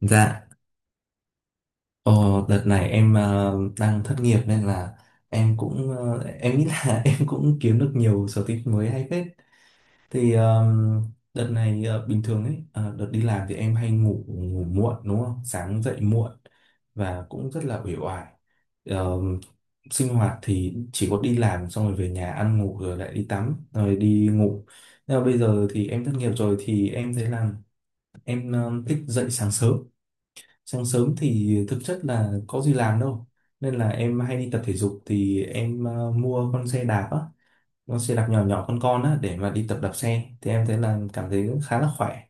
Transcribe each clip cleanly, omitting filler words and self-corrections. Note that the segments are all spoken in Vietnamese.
Dạ, ờ, đợt này em đang thất nghiệp nên là em em nghĩ là em cũng kiếm được nhiều sở thích mới hay phết. Thì đợt này bình thường ấy, đợt đi làm thì em hay ngủ ngủ muộn đúng không? Sáng dậy muộn và cũng rất là uể oải. Ờ, sinh hoạt thì chỉ có đi làm xong rồi về nhà ăn ngủ rồi lại đi tắm rồi đi ngủ. Nhưng mà bây giờ thì em thất nghiệp rồi thì em thấy là em thích dậy sáng sớm. Sáng sớm thì thực chất là có gì làm đâu, nên là em hay đi tập thể dục thì em mua con xe đạp á, con xe đạp nhỏ nhỏ con á để mà đi tập đạp xe thì em thấy là cảm thấy cũng khá là khỏe.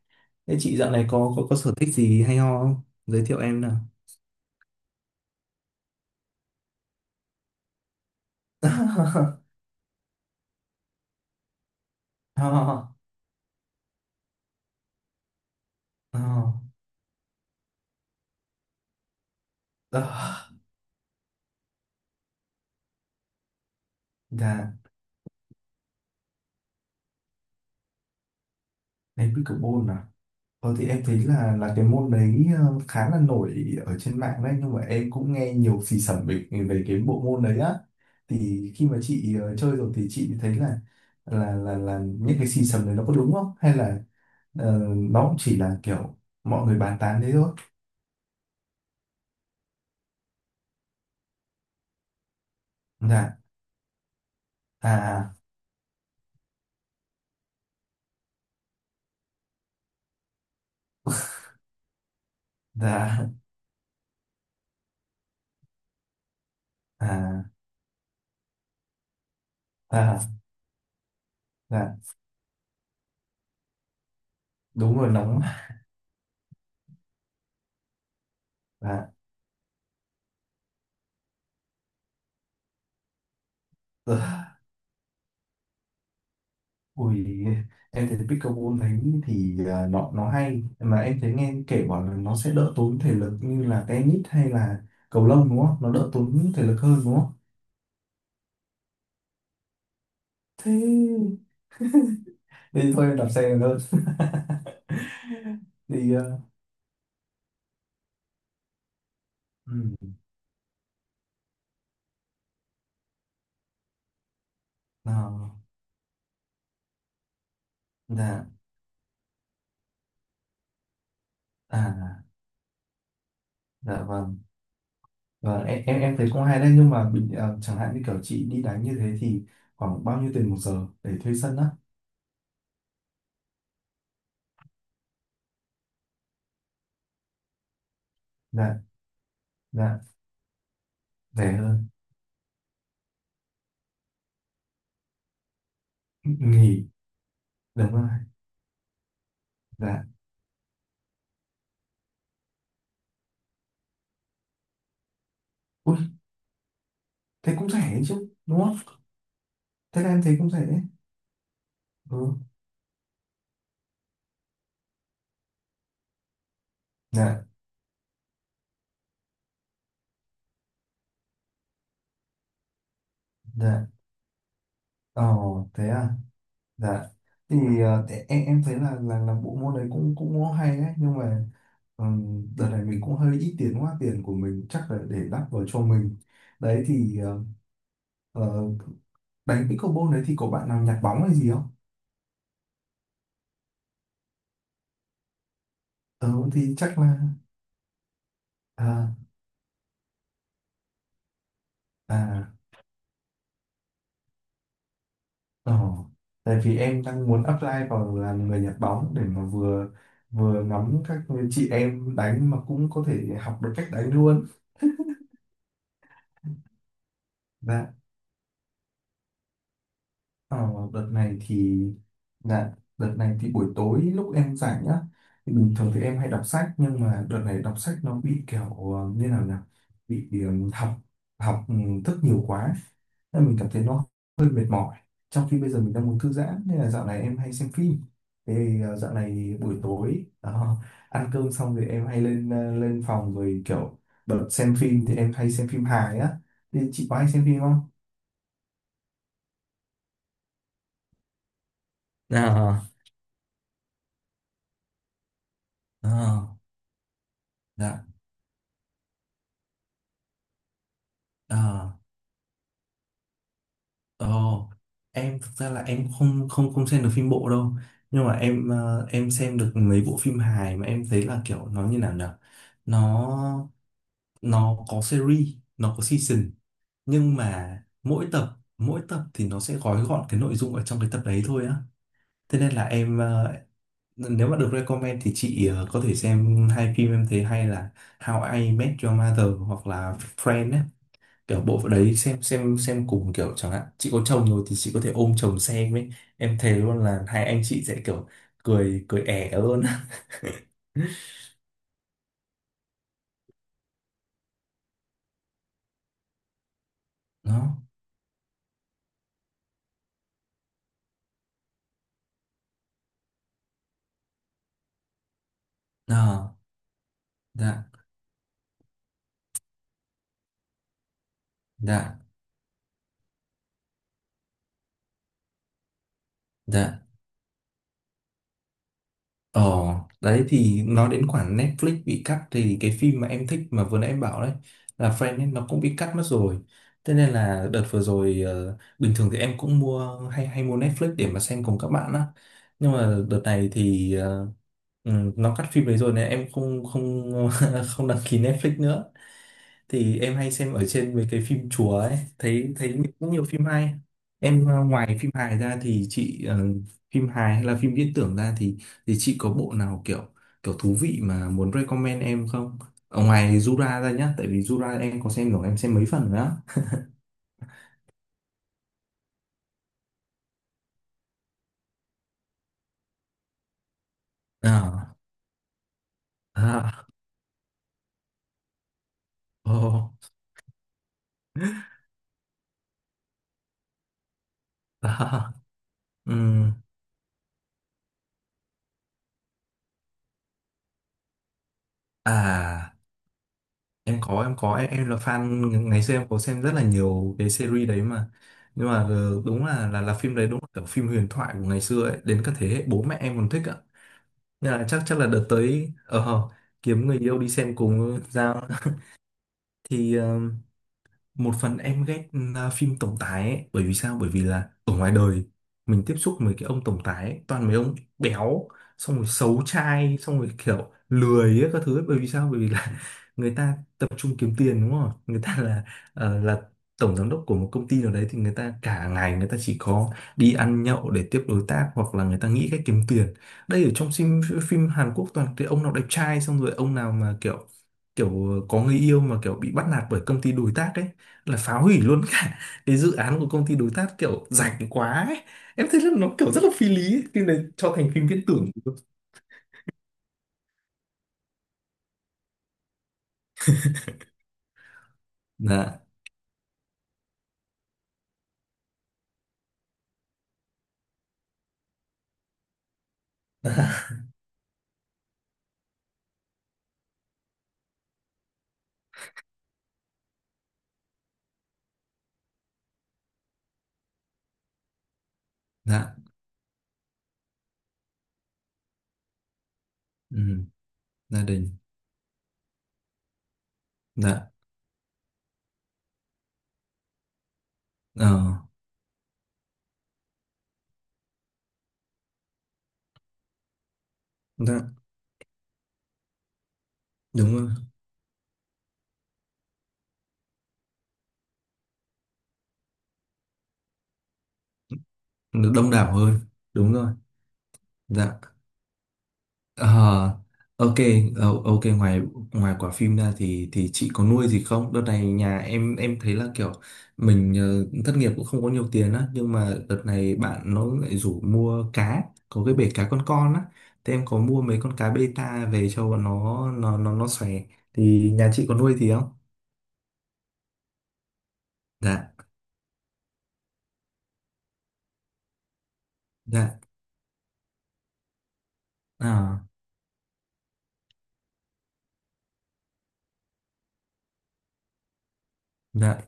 Thế chị dạo này có sở thích gì hay ho không, giới thiệu em nào. Ho ho ho ho. Dạ, đánh pickleball. Thôi thì em thấy là cái môn đấy khá là nổi ở trên mạng đấy, nhưng mà em cũng nghe nhiều xì xẩm về về cái bộ môn đấy á, thì khi mà chị chơi rồi thì chị thấy là những cái xì xẩm đấy nó có đúng không, hay là nó cũng chỉ là kiểu mọi người bàn tán thế thôi. Dạ. À à. Dạ. À. Dạ. Dạ. Đúng rồi, nóng. Dạ. Ờ. Ui, em thấy pickleball thấy thì à, nó hay mà em thấy nghe kể bảo là nó sẽ đỡ tốn thể lực như là tennis hay là cầu lông đúng không? Nó đỡ tốn thể lực hơn đúng không? Thế thì thôi em đạp xe hơn. Thì à. Ừ. Nào. Dạ. À. Dạ, vâng, vâng, em thấy cũng hay đấy, nhưng mà chẳng hạn như kiểu chị đi đánh như thế thì khoảng bao nhiêu tiền một giờ để thuê sân á? Dạ. Dạ, rẻ hơn. Nghỉ. Đúng rồi. Dạ. Ui, thế cũng rẻ chứ đúng không? Thế là em thấy cũng thế. Ừ. Dạ, dạ. Ồ, thế à. Dạ. Thế em thấy là bộ môn đấy cũng cũng hay đấy, nhưng mà đợt này mình cũng hơi ít tiền quá, tiền của mình chắc là để đắp vào cho mình. Đấy thì ờ, đánh pickleball đấy thì có bạn nào nhặt bóng hay gì không? Ừ, thì chắc là. À. À. Ồ. Tại vì em đang muốn apply vào làm người nhặt bóng để mà vừa vừa ngắm các chị em đánh mà cũng có thể học được cách đánh luôn. Dạ. Ờ, đợt này thì, dạ, đợt này thì buổi tối lúc em rảnh nhá, thì bình thường thì em hay đọc sách, nhưng mà đợt này đọc sách nó bị kiểu như nào nhỉ, bị học học thức nhiều quá, nên mình cảm thấy nó hơi mệt mỏi, trong khi bây giờ mình đang muốn thư giãn, nên là dạo này em hay xem phim. Thế dạo này buổi tối đó, ăn cơm xong thì em hay lên lên phòng rồi kiểu bật xem phim, thì em hay xem phim hài á, thì chị có hay xem phim không? À. À. Dạ. À. Ồ, em thực ra là em không không không xem được phim bộ đâu, nhưng mà em xem được mấy bộ phim hài mà em thấy là kiểu nó như nào nhở, nó nó có series, nó có season, nhưng mà mỗi tập mỗi tập thì nó sẽ gói gọn cái nội dung ở trong cái tập đấy thôi á. Thế nên là em nếu mà được recommend thì chị có thể xem hai phim em thấy hay là How I Met Your Mother hoặc là Friends á, kiểu bộ phận đấy xem cùng, kiểu chẳng hạn chị có chồng rồi thì chị có thể ôm chồng xem ấy, em thề luôn là hai anh chị sẽ kiểu cười cười ẻ luôn. Đó. Đó. Dạ. Dạ. Dạ. Ờ, đấy thì nói đến khoản Netflix bị cắt thì cái phim mà em thích mà vừa nãy em bảo đấy là Friends ấy, nó cũng bị cắt mất rồi. Thế nên là đợt vừa rồi bình thường thì em cũng mua hay hay mua Netflix để mà xem cùng các bạn á. Nhưng mà đợt này thì nó cắt phim đấy rồi nên em không không không đăng ký Netflix nữa, thì em hay xem ở trên mấy cái phim chùa ấy, thấy thấy cũng nhiều phim hay. Em ngoài phim hài ra thì chị phim hài hay là phim viễn tưởng ra thì chị có bộ nào kiểu kiểu thú vị mà muốn recommend em không, ở ngoài Jura ra nhá, tại vì Jura em có xem rồi, em xem mấy phần nữa. À. À. Oh. À. ừm, à, em là fan, ngày xưa em có xem rất là nhiều cái series đấy mà, nhưng mà đúng là phim đấy đúng là kiểu phim huyền thoại của ngày xưa ấy, đến các thế hệ bố mẹ em còn thích ạ, nên là chắc chắc là đợt tới kiếm người yêu đi xem cùng Giao. Thì một phần em ghét, à, phim tổng tài ấy, bởi vì sao, bởi vì là ở ngoài đời mình tiếp xúc với cái ông tổng tài ấy, toàn mấy ông béo, xong rồi xấu trai, xong rồi kiểu lười ấy, các thứ ấy. Bởi vì sao, bởi vì là người ta tập trung kiếm tiền đúng không, người ta là tổng giám đốc của một công ty nào đấy, thì người ta cả ngày người ta chỉ có đi ăn nhậu để tiếp đối tác, hoặc là người ta nghĩ cách kiếm tiền, đây ở trong phim. Phim Hàn Quốc toàn cái ông nào đẹp trai, xong rồi ông nào mà kiểu kiểu có người yêu mà kiểu bị bắt nạt bởi công ty đối tác ấy, là phá hủy luôn cả cái dự án của công ty đối tác, kiểu rảnh quá ấy. Em thấy là nó kiểu rất là phi lý ấy. Phim này cho thành phim viễn tưởng luôn. Dạ. Dạ. Ừ, gia đình. Dạ. Ờ. Dạ, đúng rồi, nó đông đảo hơn. Đúng rồi. Dạ. Ờ, ok. Ok, ngoài ngoài quả phim ra thì chị có nuôi gì không? Đợt này nhà em thấy là kiểu mình thất nghiệp cũng không có nhiều tiền á, nhưng mà đợt này bạn nó lại rủ mua cá, có cái bể cá con á, thì em có mua mấy con cá beta về cho bọn nó xòe, thì nhà chị có nuôi gì không? Dạ. Dạ. À. Dạ.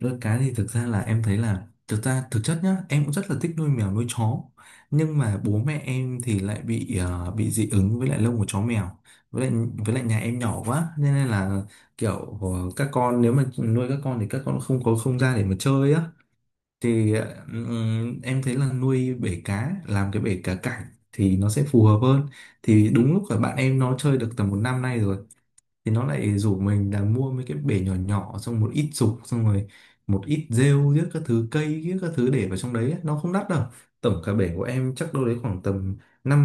Nuôi cái thì thực ra là em thấy là, thực ra thực chất nhá, em cũng rất là thích nuôi mèo nuôi chó, nhưng mà bố mẹ em thì lại bị dị ứng với lại lông của chó mèo, với lại với lại nhà em nhỏ quá nên là kiểu các con, nếu mà nuôi các con thì các con không có không gian để mà chơi á, thì em thấy là nuôi bể cá, làm cái bể cá cảnh thì nó sẽ phù hợp hơn, thì đúng lúc là bạn em nó chơi được tầm một năm nay rồi, thì nó lại rủ mình là mua mấy cái bể nhỏ nhỏ, xong một ít dục, xong rồi một ít rêu giết các thứ cây giết các thứ để vào trong đấy ấy. Nó không đắt đâu, tổng cả bể của em chắc đâu đấy khoảng tầm năm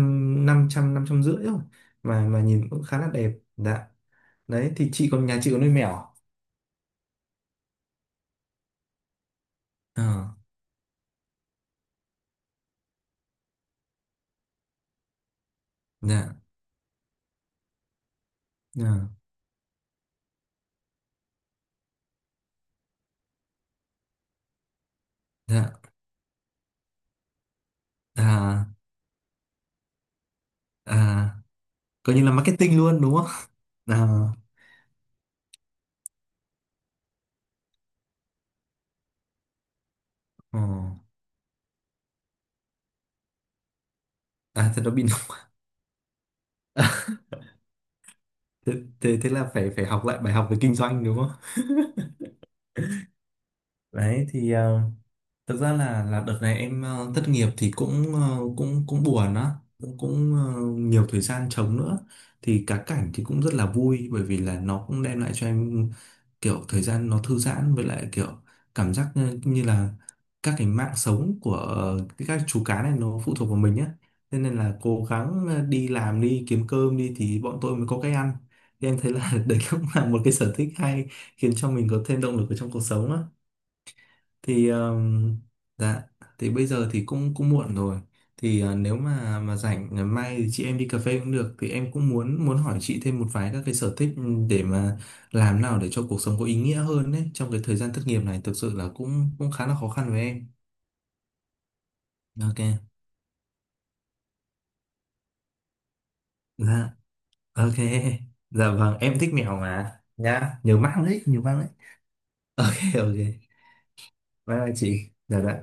500, 550 thôi, mà nhìn cũng khá là đẹp. Dạ, đấy thì, chị còn nhà chị có nuôi mèo à? Ờ. Dạ. Dạ. Dạ. À. À. Coi như là marketing luôn đúng không. À. Ờ. À, thế nó bị. thế, thế thế là phải phải học lại bài học về kinh doanh đúng không? Đấy thì thực ra là đợt này em thất nghiệp thì cũng buồn á, cũng cũng ờ, nhiều thời gian trống nữa. Thì cá cảnh thì cũng rất là vui, bởi vì là nó cũng đem lại cho em kiểu thời gian nó thư giãn, với lại kiểu cảm giác như như là các cái mạng sống của cái các chú cá này nó phụ thuộc vào mình á. Thế nên là cố gắng đi làm đi kiếm cơm đi thì bọn tôi mới có cái ăn. Thì em thấy là đấy cũng là một cái sở thích hay, khiến cho mình có thêm động lực ở trong cuộc sống á, thì dạ, thì bây giờ thì cũng cũng muộn rồi, thì nếu mà rảnh ngày mai thì chị em đi cà phê cũng được, thì em cũng muốn muốn hỏi chị thêm một vài các cái sở thích, để mà làm nào để cho cuộc sống có ý nghĩa hơn đấy, trong cái thời gian thất nghiệp này thực sự là cũng cũng khá là khó khăn với em. Ok. Dạ, ok. Dạ, vâng, em thích mèo mà nhá, nhiều mang đấy, nhiều mang đấy. Ok, ok. Bye bye chị. Dạ, dạ.